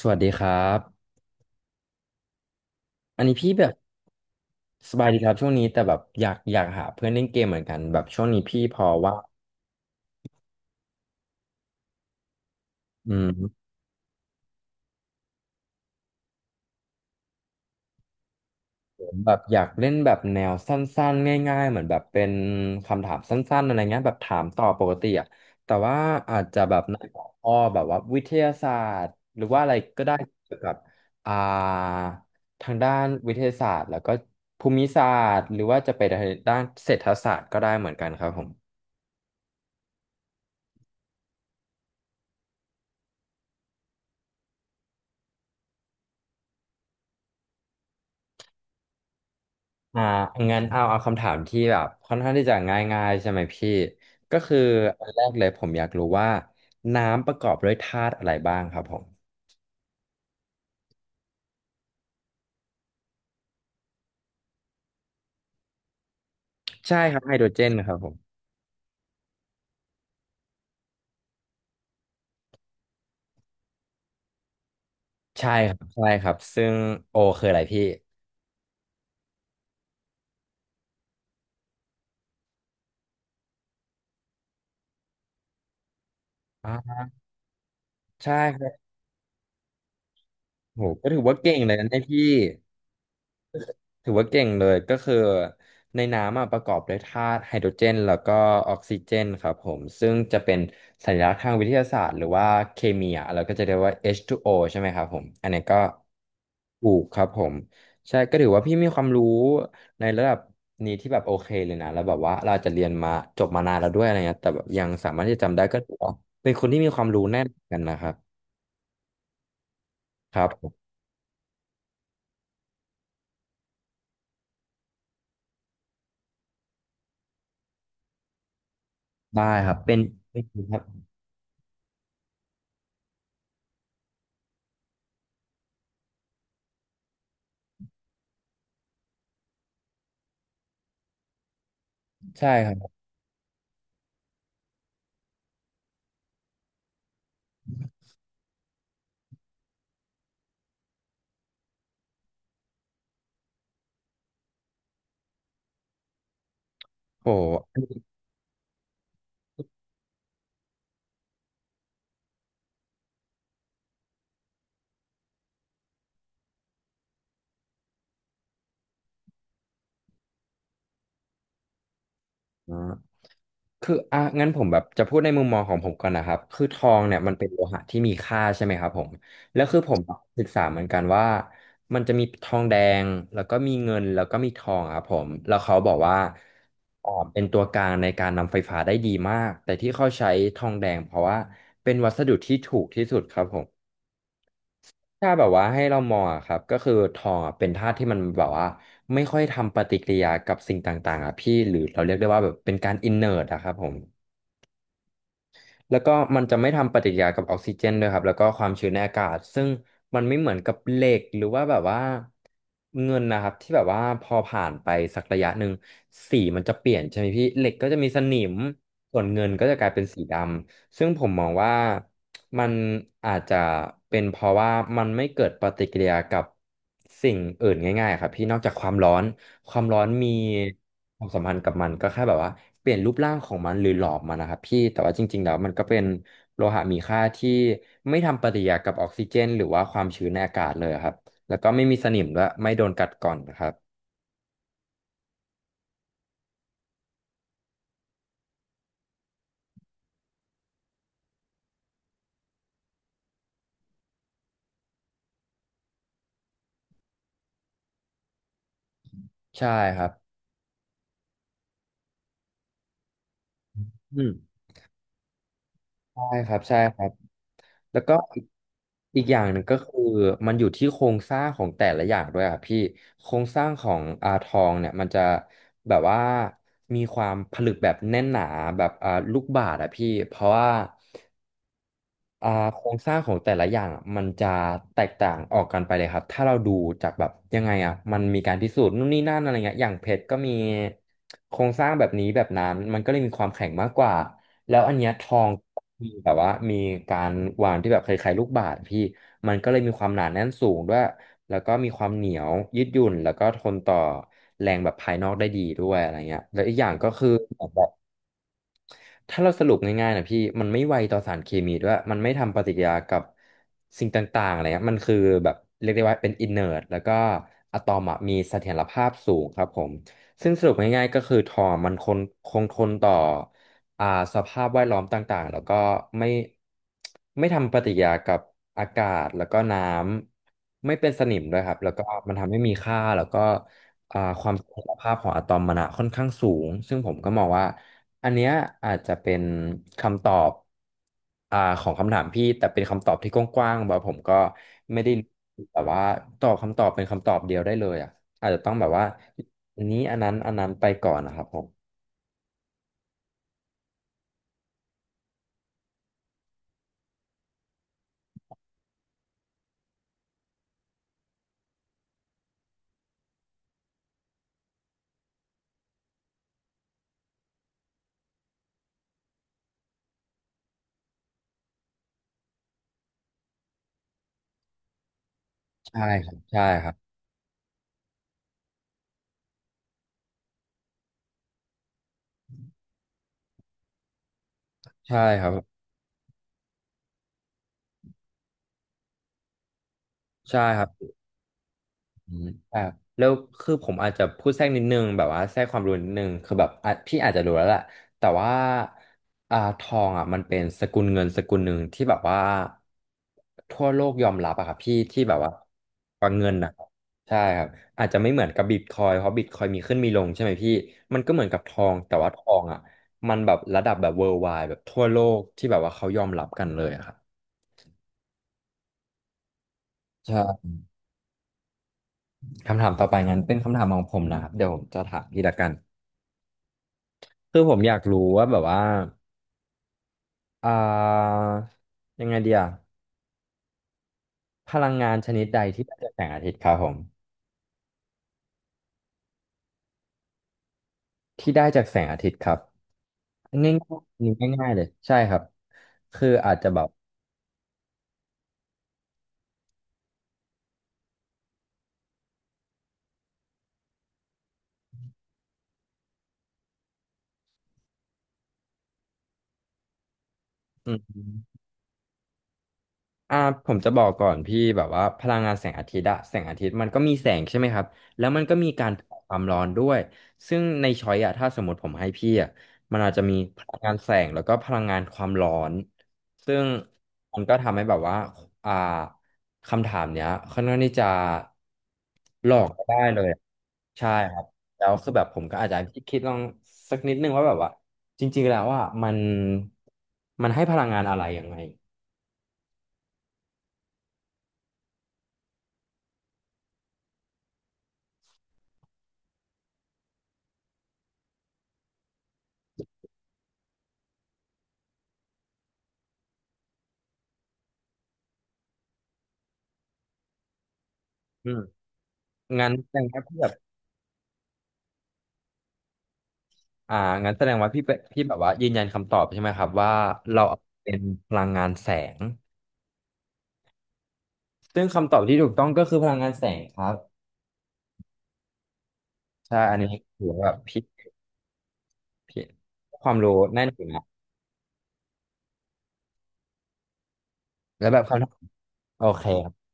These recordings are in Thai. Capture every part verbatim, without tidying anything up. สวัสดีครับอันนี้พี่แบบสบายดีครับช่วงนี้แต่แบบอยากอยากหาเพื่อนเล่นเกมเหมือนกันแบบช่วงนี้พี่พอว่าอืมผมแบบอยากเล่นแบบแนวสั้นๆง่ายๆเหมือนแบบเป็นคำถามสั้นๆอะไรเงี้ยแบบถามตอบปกติอ่ะแต่ว่าอาจจะแบบในหัวข้อแบบว่าวิทยาศาสตร์หรือว่าอะไรก็ได้เกี่ยวกับอ่าทางด้านวิทยาศาสตร์แล้วก็ภูมิศาสตร์หรือว่าจะไปทางด้านเศรษฐศาสตร์ก็ได้เหมือนกันครับผม อ่างั้นเอาเอาคำถามที่แบบค่อนข้างที่จะง่ายๆใช่ไหมพี่ ก็คืออันแรกเลยผมอยากรู้ว่าน้ำประกอบด้วยธาตุอะไรบ้างครับผม ใช่ครับไฮโดรเจนครับผม ใช่ครับใช่ครับซึ่งโอคืออะไรพี่อ่าใช่ครับโหก็ถือว่าเก่งเลยนะเนี่ยพี่ ถือว่าเก่งเลยก็คือในน้ำอะประกอบด้วยธาตุไฮโดรเจนแล้วก็ออกซิเจนครับผมซึ่งจะเป็นสัญลักษณ์ทางวิทยาศาสตร์หรือว่าเคมีอะเราก็จะเรียกว่า เอช สอง โอ ใช่ไหมครับผมอันนี้ก็ถูกครับผมใช่ก็ถือว่าพี่มีความรู้ในระดับนี้ที่แบบโอเคเลยนะแล้วแบบว่าเราอาจจะเรียนมาจบมานานแล้วด้วยอะไรเงี้ยแต่แบบยังสามารถที่จะจำได้ก็ถือว่าเป็นคนที่มีความรู้แน่นกันนะครับครับผมได้ครับเป็นเป็นครับใช่ครับโอ้ คืออ่ะงั้นผมแบบจะพูดในมุมมองของผมก่อนนะครับคือทองเนี่ยมันเป็นโลหะที่มีค่าใช่ไหมครับผมแล้วคือผมศึกษาเหมือนกันว่ามันจะมีทองแดงแล้วก็มีเงินแล้วก็มีทองครับผมแล้วเขาบอกว่าอ๋อเป็นตัวกลางในการนำไฟฟ้าได้ดีมากแต่ที่เขาใช้ทองแดงเพราะว่าเป็นวัสดุที่ถูกที่สุดครับผมถ้าแบบว่าให้เรามองอะครับก็คือทองอะเป็นธาตุที่มันแบบว่าไม่ค่อยทำปฏิกิริยากับสิ่งต่างๆอ่ะพี่หรือเราเรียกได้ว่าแบบเป็นการอินเน t อะครับผม แล้วก็มันจะไม่ทำปฏิกิริยากับออกซิเจนด้วยครับแล้วก็ความชื้นในอากาศซึ่งมันไม่เหมือนกับเหล็กหรือว่าแบบว่าเงินนะครับที่แบบว่าพอผ่านไปสักระยะหนึ่งสีมันจะเปลี่ยนใช่ไหมพี่เหล็กก็จะมีสนิมส่วนเงินก็จะกลายเป็นสีดำซึ่งผมมองว่ามันอาจจะเป็นเพราะว่ามันไม่เกิดปฏิกิริยากับสิ่งอื่นง่ายๆครับพี่นอกจากความร้อน ความร้อนมีความสัมพันธ์กับมันก็แค่แบบว่าเปลี่ยนรูปร่างของมันหรือหลอมมันนะครับพี่แต่ว่าจริงๆแล้วมันก็เป็นโลหะมีค่าที่ไม่ทำปฏิกิริยากับออกซิเจนหรือว่าความชื้นในอากาศเลยครับแล้วก็ไม่มีสนิมด้วยไม่โดนกัดก่อนนะครับใช่ครับอืมใช่ครับใช่ครับ แล้วก็อีกอีกอย่างหนึ่งก็คือมันอยู่ที่โครงสร้างของแต่ละอย่างด้วยอัะพี่โครงสร้างของอาทองเนี่ยมันจะแบบว่ามีความผลึกแบบแน่นหนาแบบอ่าลูกบาศก์อะพี่เพราะว่า อ่าโครงสร้างของแต่ละอย่างอะมันจะแตกต่างออกกันไปเลยครับถ้าเราดูจากแบบยังไงอ่ะมันมีการพิสูจน์นู่นนี่นั่นอะไรเงี้ยอย่างเพชรก็มีโครงสร้างแบบนี้แบบนั้นมันก็เลยมีความแข็งมากกว่าแล้วอันเนี้ยทองมีแบบว่ามีการวางที่แบบคล้ายๆลูกบาศก์พี่มันก็เลยมีความหนาแน่นสูงด้วยแล้วก็มีความเหนียวยืดหยุ่นแล้วก็ทนต่อแรงแบบภายนอกได้ดีด้วยอะไรเงี้ยแล้วอีกอย่างก็คือ ถ้าเราสรุปง่ายๆนะพี่มันไม่ไวต่อสารเคมีด้วยมันไม่ทำปฏิกิริยากับสิ่งต่างๆอะไรเงี้ยมันคือแบบเรียกได้ว่าเป็นอินเนอร์แล้วก็อะตอมอะมีเสถียรภาพสูงครับผมซึ่งสรุปง่ายๆก็คือทอมมันคงคงทนต่ออ่าสภาพแวดล้อมต่างๆแล้วก็ไม่ไม่ทำปฏิกิริยากับอากาศแล้วก็น้ำไม่เป็นสนิมด้วยครับแล้วก็มันทำให้มีค่าแล้วก็อ่าความเสถียรภาพของอะตอมมันอะค่อนข้างสูงซึ่งผมก็มองว่า อันเนี้ยอาจจะเป็นคำตอบอ่าของคำถามพี่แต่เป็นคำตอบที่กว้างๆแบบผมก็ไม่ได้แบบว่าตอบคำตอบเป็นคำตอบเดียวได้เลยอ่ะอาจจะต้องแบบว่าอันนี้อันนั้นอันนั้นไปก่อนนะครับผมใช่ครับใช่ครับใช่ครับใช่ครับ อืมแต่แล้วคือผมอาจจะพูดแทรกนิดนึงแบบว่าแทรกความรู้นิดนึงคือแบบอ่ะพี่อาจจะรู้แล้วแหละแต่ว่าอ่าทองอ่ะมันเป็นสกุลเงินสกุลหนึ่งที่แบบว่าทั่วโลกยอมรับอะครับพี่ที่แบบว่าว่าเงินนะครับใช่ครับอาจจะไม่เหมือนกับบิตคอยเพราะบิตคอยมีขึ้นมีลงใช่ไหมพี่มันก็เหมือนกับทองแต่ว่าทองอ่ะมันแบบระดับแบบ worldwide แบบทั่วโลกที่แบบว่าเขายอมรับกันเลยอะครับใช่คำถามต่อไปงั้นเป็นคำถามของผมนะครับเดี๋ยวผมจะถามพี่ละกัน คือผมอยากรู้ว่าแบบว่าอ่ายังไงเดียพลังงานชนิดใดที่ได้จากแสงอาทิตย์ครับผมที่ได้จากแสงอาทิตย์ครับง่ายๆอันนี้ง่ายๆเลยใช่ครับคืออาจจะแบบอืม อ่าผมจะบอกก่อนพี่แบบว่าพลังงานแสงอาทิตย์อะแสงอาทิตย์มันก็มีแสงใช่ไหมครับแล้วมันก็มีการเผาความร้อนด้วยซึ่งในช้อยอะถ้าสมมติผมให้พี่อะมันอาจจะมีพลังงานแสงแล้วก็พลังงานความร้อนซึ่งมันก็ทำให้แบบว่าอ่าคำถามเนี้ยค่อนข้างที่จะหลอกได้เลยอะใช่ครับแล้วคือแบบผมก็อาจจะคิดคิดลองสักนิดนึงว่าแบบว่าจริงๆแล้วว่ะมันมันให้พลังงานอะไรยังไง งั้นแสดงว่าพี่แบบอ่างั้นแสดงว่าพี่เป็นพี่แบบว่ายืนยันคำตอบใช่ไหมครับว่าเราเป็นพลังงานแสงซึ่งคำตอบที่ถูกต้องก็คือพลังงานแสงครับใช่อันนี้ถือว่าแบบพี่พี่ความรู้แน่นอยู่นะแล้วแบบคำถามโอเคครับ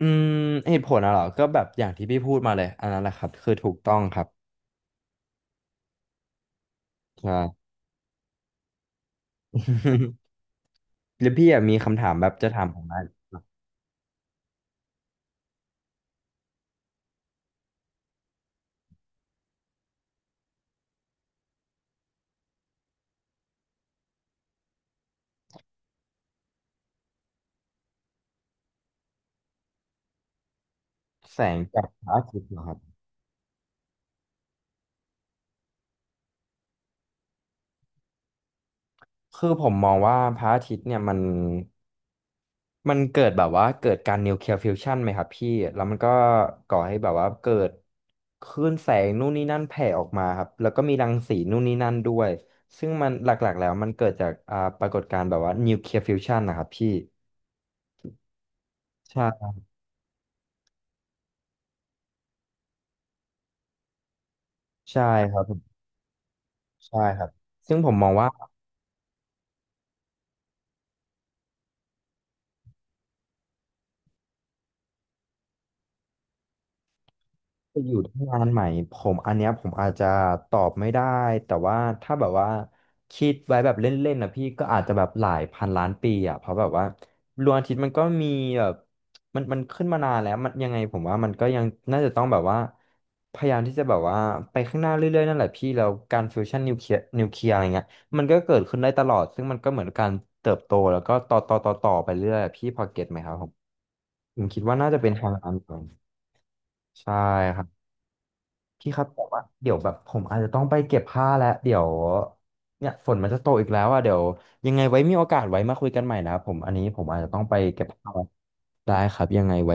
อืมเหตุผลอะเหรอก็แบบอย่างที่พี่พูดมาเลยอันนั้นแหละครับคือถูกต้องครับใช่ แล้วพี่อะมีคำถามแบบจะถามผมว่าแสงจากพระอาทิตย์เหรอครับ คือผมมองว่าพระอาทิตย์เนี่ยมันมันเกิดแบบว่าเกิดการนิวเคลียร์ฟิวชันไหมครับพี่แล้วมันก็ก่อให้แบบว่าเกิดคลื่นแสงนู่นนี่นั่นแผ่ออกมาครับแล้วก็มีรังสีนู่นนี่นั่นด้วยซึ่งมันหลักๆแล้วมันเกิดจากอ่าปรากฏการณ์แบบว่านิวเคลียร์ฟิวชันนะครับพี่ใช่ใช่ครับผมใช่ครับซึ่งผมมองว่า จะอยู่ที่งานใหม่ผมอันเนี้ยผมอาจจะตอบไม่ได้แต่ว่าถ้าแบบว่าคิดไว้แบบเล่นๆนะพี่ก็อาจจะแบบหลายพันล้านปีอ่ะเพราะแบบว่าดวงอาทิตย์มันก็มีแบบมันมันขึ้นมานานแล้วมันยังไงผมว่ามันก็ยังน่าจะต้องแบบว่าพยายามที่จะแบบว่าไปข้างหน้าเรื่อยๆนั่นแหละพี่แล้วการฟิวชั่นนิวเคลียร์นิวเคลียร์อะไรเงี้ยมันก็เกิดขึ้นได้ตลอดซึ่งมันก็เหมือนการเติบโตแล้วก็ต่อต่อต่อต่อไปเรื่อยอะพี่พอเก็ตไหมครับผมผมคิดว่าน่าจะเป็นทางนั้นก่อนใช่ครับ พี่ครับแต่ว่าเดี๋ยวแบบผมอาจจะต้องไปเก็บผ้าแล้วเดี๋ยวเนี่ยฝนมันจะตกอีกแล้วอ่ะเดี๋ยวยังไงไว้มีโอกาสไว้มาคุยกันใหม่นะครับผมอันนี้ผมอาจจะต้องไปเก็บผ้าแล้วได้ครับยังไงไว้